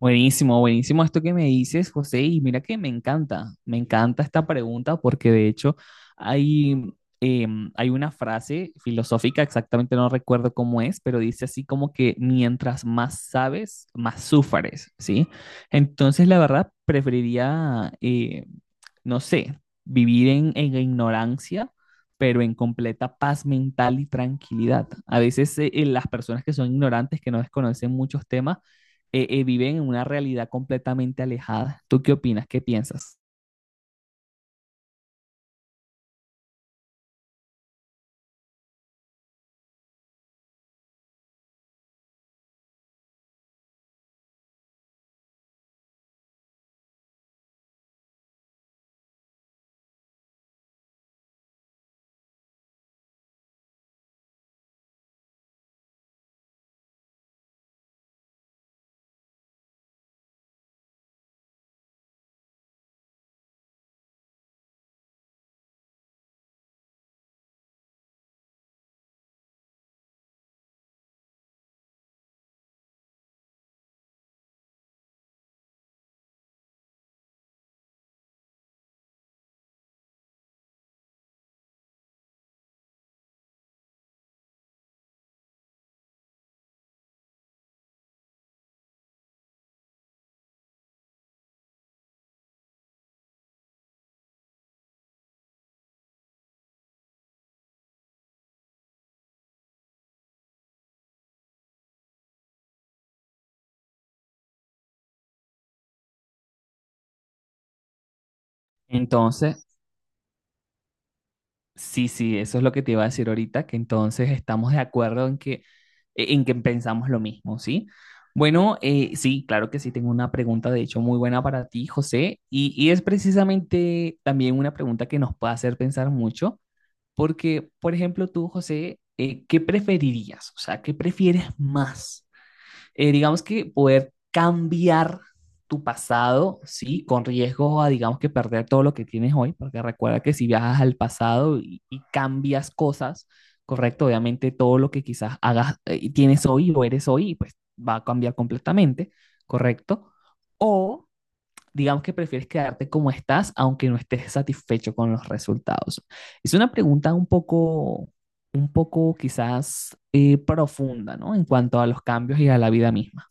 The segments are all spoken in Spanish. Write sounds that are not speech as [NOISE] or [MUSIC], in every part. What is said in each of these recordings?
Buenísimo, buenísimo esto que me dices, José, y mira que me encanta esta pregunta porque de hecho hay, hay una frase filosófica, exactamente no recuerdo cómo es, pero dice así como que mientras más sabes, más sufres, ¿sí? Entonces la verdad preferiría, no sé, vivir en ignorancia, pero en completa paz mental y tranquilidad. A veces las personas que son ignorantes, que no desconocen muchos temas, viven en una realidad completamente alejada. ¿Tú qué opinas? ¿Qué piensas? Entonces, sí, sí, eso es lo que te iba a decir ahorita, que entonces estamos de acuerdo en que pensamos lo mismo, ¿sí? Bueno, sí, claro que sí, tengo una pregunta de hecho muy buena para ti, José, y es precisamente también una pregunta que nos puede hacer pensar mucho, porque, por ejemplo, tú, José, ¿qué preferirías? O sea, ¿qué prefieres más? Digamos que poder cambiar tu pasado, ¿sí? Con riesgo a, digamos que perder todo lo que tienes hoy, porque recuerda que si viajas al pasado y cambias cosas, correcto, obviamente todo lo que quizás hagas y tienes hoy o eres hoy, pues va a cambiar completamente, correcto. O digamos que prefieres quedarte como estás, aunque no estés satisfecho con los resultados. Es una pregunta un poco quizás profunda, ¿no? En cuanto a los cambios y a la vida misma.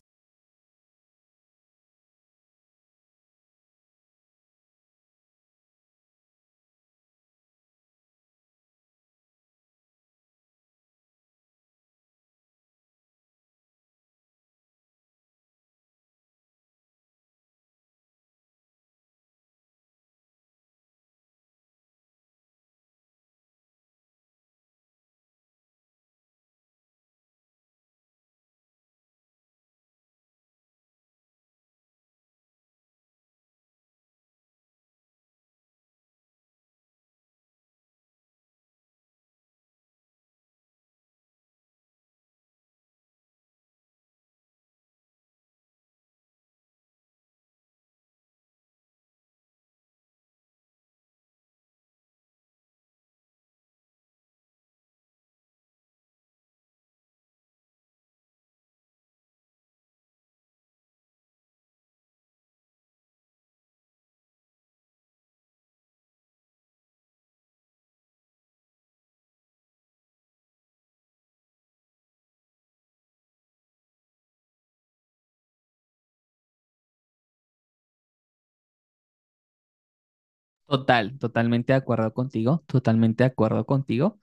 Total, totalmente de acuerdo contigo, totalmente de acuerdo contigo.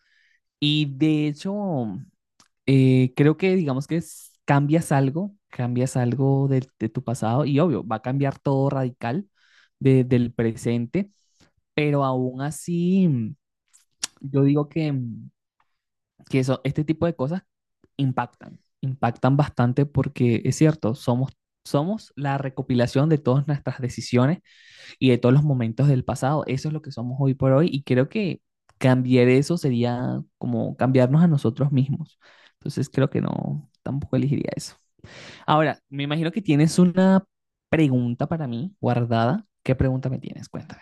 Y de hecho, creo que digamos que cambias algo de tu pasado y obvio, va a cambiar todo radical del presente, pero aún así, yo digo que, que eso, este tipo de cosas impactan, impactan bastante porque es cierto, somos, somos la recopilación de todas nuestras decisiones y de todos los momentos del pasado. Eso es lo que somos hoy por hoy y creo que cambiar eso sería como cambiarnos a nosotros mismos. Entonces creo que no, tampoco elegiría eso. Ahora, me imagino que tienes una pregunta para mí guardada. ¿Qué pregunta me tienes? Cuéntame.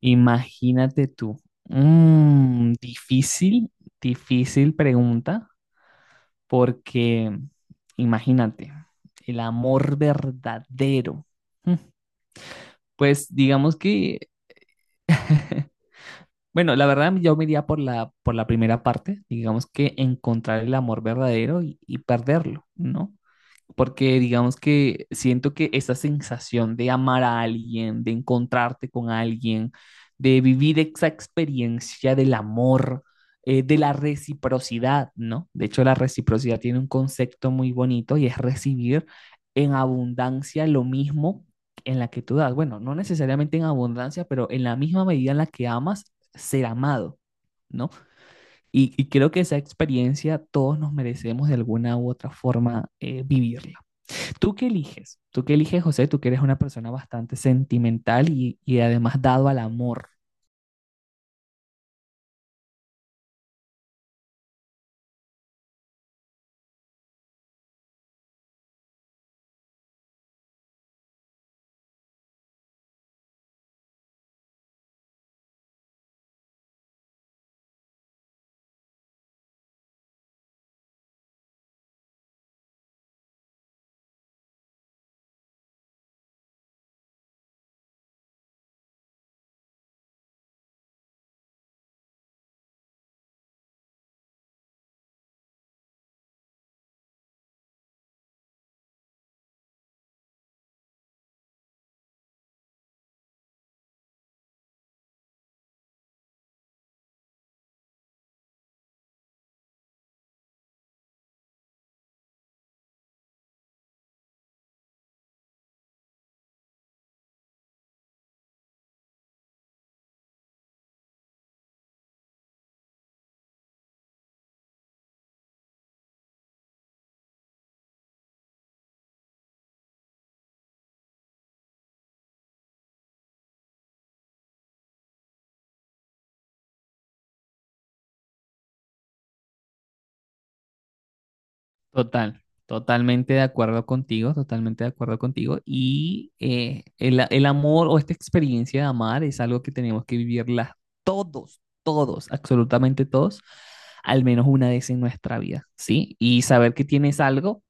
Imagínate tú. Mm, difícil, difícil pregunta porque imagínate, el amor verdadero. Mm. Pues digamos que [LAUGHS] bueno, la verdad yo me iría por por la primera parte, digamos que encontrar el amor verdadero y perderlo, ¿no? Porque digamos que siento que esa sensación de amar a alguien, de encontrarte con alguien, de vivir esa experiencia del amor, de la reciprocidad, ¿no? De hecho, la reciprocidad tiene un concepto muy bonito y es recibir en abundancia lo mismo en la que tú das. Bueno, no necesariamente en abundancia, pero en la misma medida en la que amas, ser amado, ¿no? Y creo que esa experiencia todos nos merecemos de alguna u otra forma vivirla. ¿Tú qué eliges? ¿Tú qué eliges, José? Tú que eres una persona bastante sentimental y además dado al amor. Total, totalmente de acuerdo contigo, totalmente de acuerdo contigo. Y el amor o esta experiencia de amar es algo que tenemos que vivirla todos, todos, absolutamente todos, al menos una vez en nuestra vida, ¿sí? Y saber que tienes algo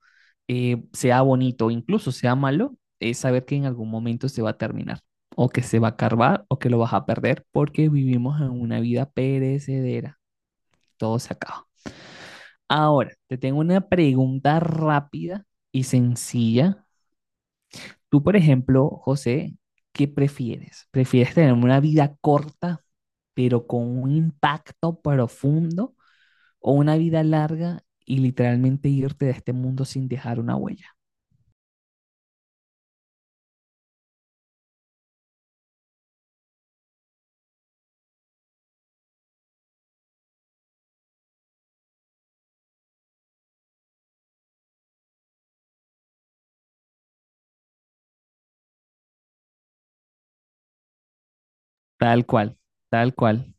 sea bonito, incluso sea malo, es saber que en algún momento se va a terminar, o que se va a carvar, o que lo vas a perder, porque vivimos en una vida perecedera, todo se acaba. Ahora, te tengo una pregunta rápida y sencilla. Tú, por ejemplo, José, ¿qué prefieres? ¿Prefieres tener una vida corta, pero con un impacto profundo, o una vida larga y literalmente irte de este mundo sin dejar una huella? Tal cual, tal cual.